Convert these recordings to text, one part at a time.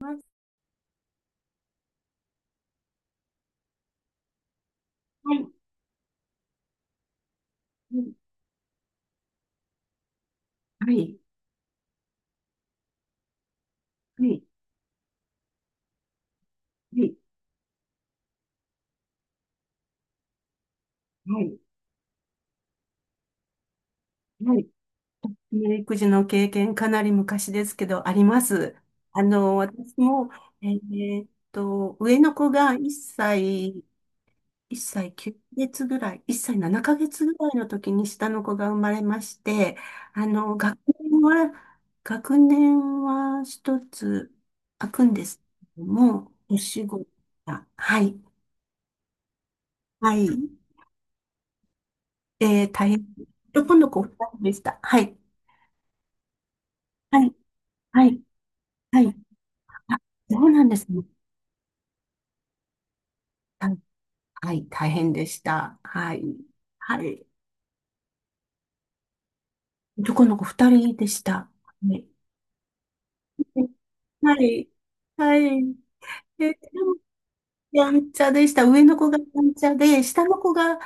はい。はい。はい。はい。はい。はい。育児の経験、かなり昔ですけど、あります。私も、上の子が1歳、1歳9ヶ月ぐらい、1歳7ヶ月ぐらいの時に下の子が生まれまして、あの、学年は、学年は一つ開くんですけども、年子が、はい。はい。えー、大変。今度こう、お二人でした。はい。はい。はい。はい。あ、そうなんですね。はい。はい。大変でした。はい。はい。どこの子二人でした。はい。はい。はい。で、でもやんちゃでした。上の子がやんちゃで、下の子が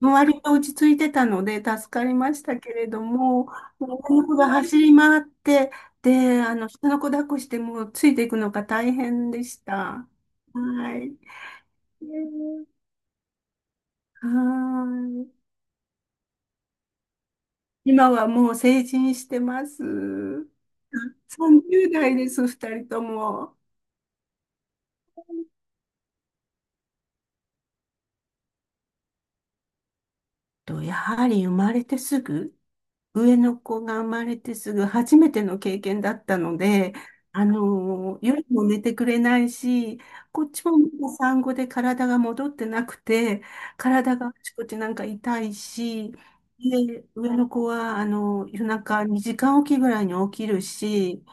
割と落ち着いてたので助かりましたけれども、上の子が走り回って、で、あの、下の子抱っこしてもうついていくのが大変でした。はい。えー、はーい。今はもう成人してます。30代です、二人とも。と、やはり生まれてすぐ、上の子が生まれてすぐ初めての経験だったので、あの夜も寝てくれないし、こっちもまだ産後で体が戻ってなくて、体があちこちなんか痛いし、で、上の子は、あの夜中2時間おきぐらいに起きるし、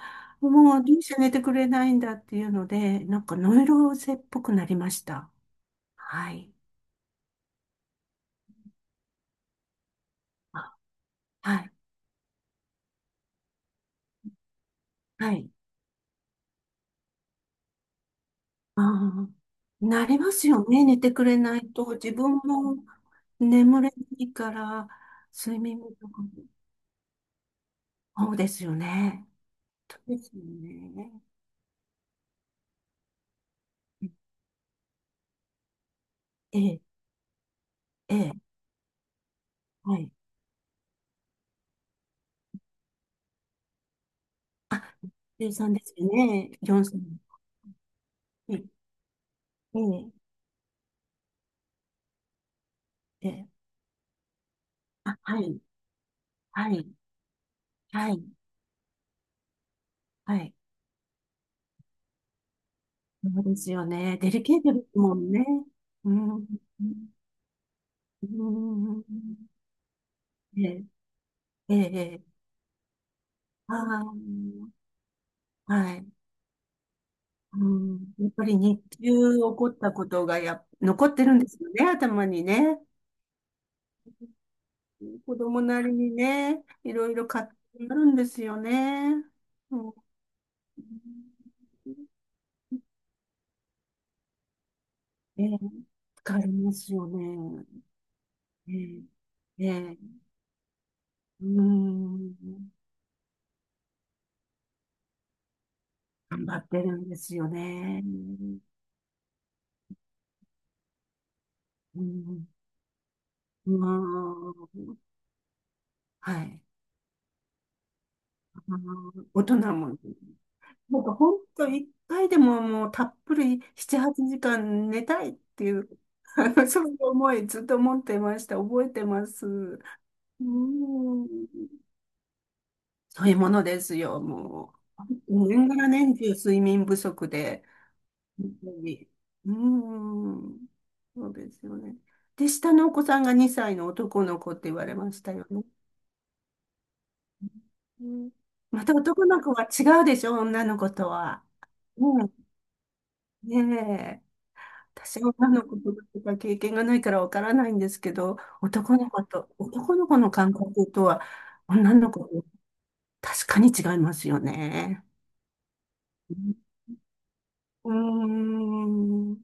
もうどうして寝てくれないんだっていうので、なんかノイローゼっぽくなりました。はい。あ、はい。はい。ああ、なりますよね。寝てくれないと。自分も眠れないから、睡眠とかも。そうですよね。そうですよね。ええ、ええ、はい。計算ですよね。4歳。ええ、ええ、ええ、あ、はい、はい、はい、はい。そうですよね。デリケートですもんね。うん、うん、うん、ええ、ええ、ええ、ああ、はい。うん、やっぱり日中起こったことが残ってるんですよね、頭にね。子供なりにね、いろいろ葛藤になるんですよね。うん、ええ、疲れますよね。ええ、ええ、うん、頑張ってるんですよね。うん、うん、はい。うん、大人もね。なんか本当一回でももうたっぷり7、8時間寝たいっていう、あのそういう思いずっと持ってました。覚えてます。うん。そういうものですよ、もう。年がら年中睡眠不足で。本当に、うん。そうですよね。で、下のお子さんが2歳の男の子って言われましたよね。うん、また男の子は違うでしょ、女の子とは。うん。ねえ。私は女の子とか経験がないからわからないんですけど、男の子と、男の子の感覚とは、女の子と確かに違いますよね。うーん。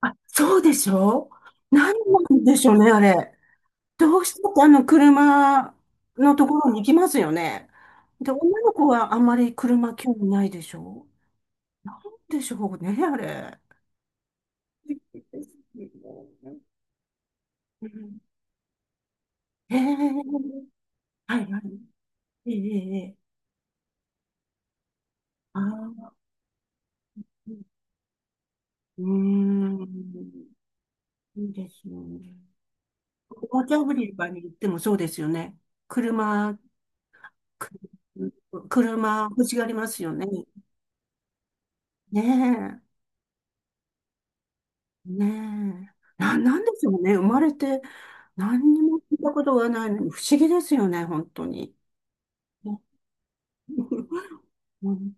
あ、そうでしょ、何なんでしょうね、あれ。どうしてもあの車のところに行きますよね。で、女の子はあんまり車興味ないでしょ、なんでしょうね、あれ。うん、へえー、はいはい。ええ、ええ、ああ、うーん。いいですよね。紅茶売り場に行ってもそうですよね。車、く車欲しがりますよね。ねえ、ねえ。なんでしょうね。生まれて何にも聞いたことがないのに不思議ですよね、本当に。ね。 うん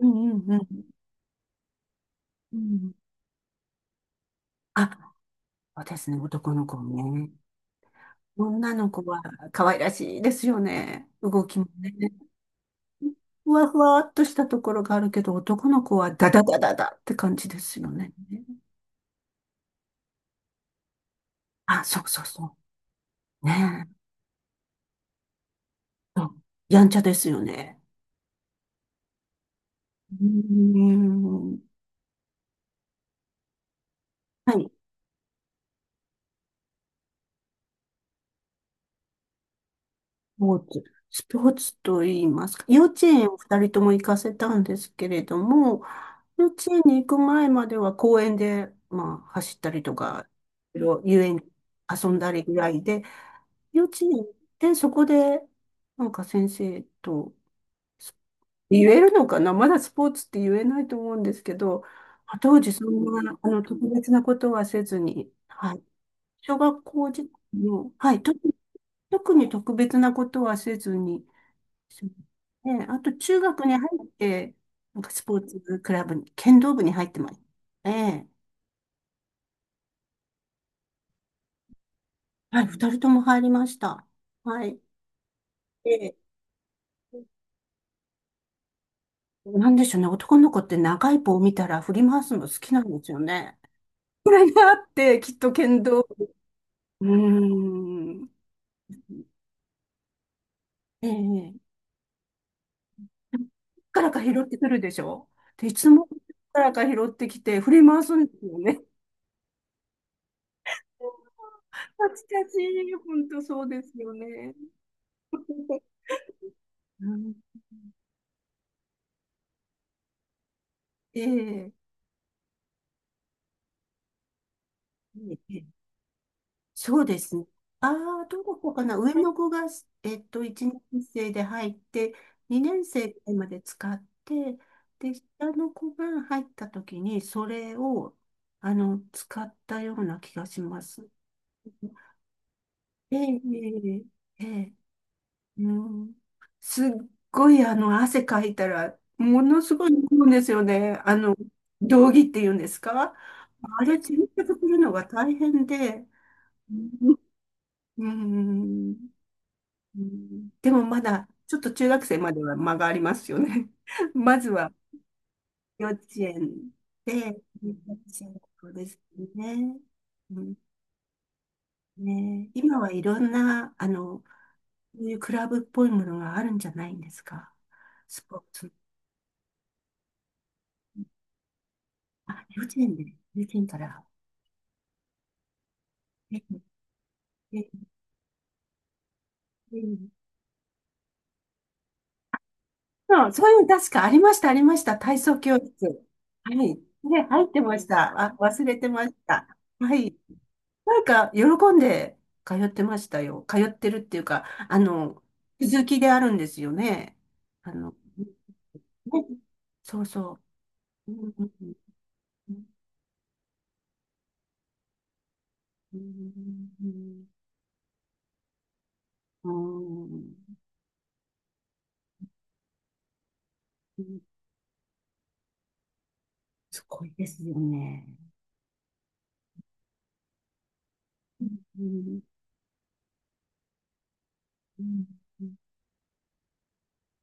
うんうんうん。うん、あ、そうですね、男の子ね。女の子は可愛らしいですよね。動きもね。ふわふわっとしたところがあるけど、男の子はダダダダダって感じですよね。あ、そうそうそう。ねえ。そう、やんちゃですよね。うーん。はい。スポーツ。スポーツと言いますか。幼稚園を二人とも行かせたんですけれども、幼稚園に行く前までは公園で、まあ、走ったりとか、いろいろ遊園に遊んだりぐらいで、幼稚園行ってそこで、なんか先生と、言えるのかな、まだスポーツって言えないと思うんですけど、当時そんな、あの、特別なことはせずに、はい。小学校時代も、はい、特に、特に特別なことはせずに、ね、あと中学に入って、なんかスポーツクラブに、剣道部に入ってました。ええ。はい、二人とも入りました。はい。で、なんでしょうね、男の子って長い棒を見たら振り回すの好きなんですよね。これがあって、きっと剣道、うーん。ええ、どっからか拾ってくるでしょ、で、いつもどっからか拾ってきて振り回すんですよね。パチパチ、本当そうですよね。うん、ええ、ええ、そうですね。ああ、どこかな。上の子が、えっと、1年生で入って、2年生まで使って、で、下の子が入った時に、それを、あの、使ったような気がします。ええ、ええ、ええ、うん。すっごい、あの、汗かいたら、ものすごい飲むんですよね。あの、道着っていうんですか、あれ、洗濯するのが大変で。うん。うん、でもまだ、ちょっと中学生までは間がありますよね。まずは、幼稚園で、そうですね。うん、ね、今はいろんな、あの、そういうクラブっぽいものがあるんじゃないんですか、スポーツ。あ、幼稚園で、幼稚園から。え、え、え、そう、そういうの確かありました、ありました。体操教室。はい。で、入ってました。あ、忘れてました。はい。なんか、喜んで通ってましたよ。通ってるっていうか、あの、続きであるんですよね。あの、ね、そうそう。うんうんうんうんうんうん、すごいですよね。うん、うん、うん。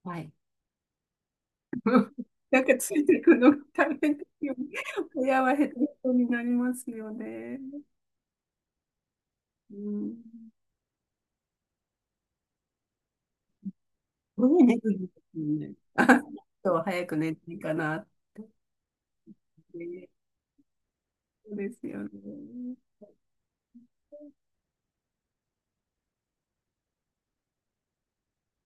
はい。なんかついていくのが大変ですよね。親はヘトヘトになりますよね。うん。すごいね。るんですよね。あ、そう、早く寝ていいかなって。そうですよね。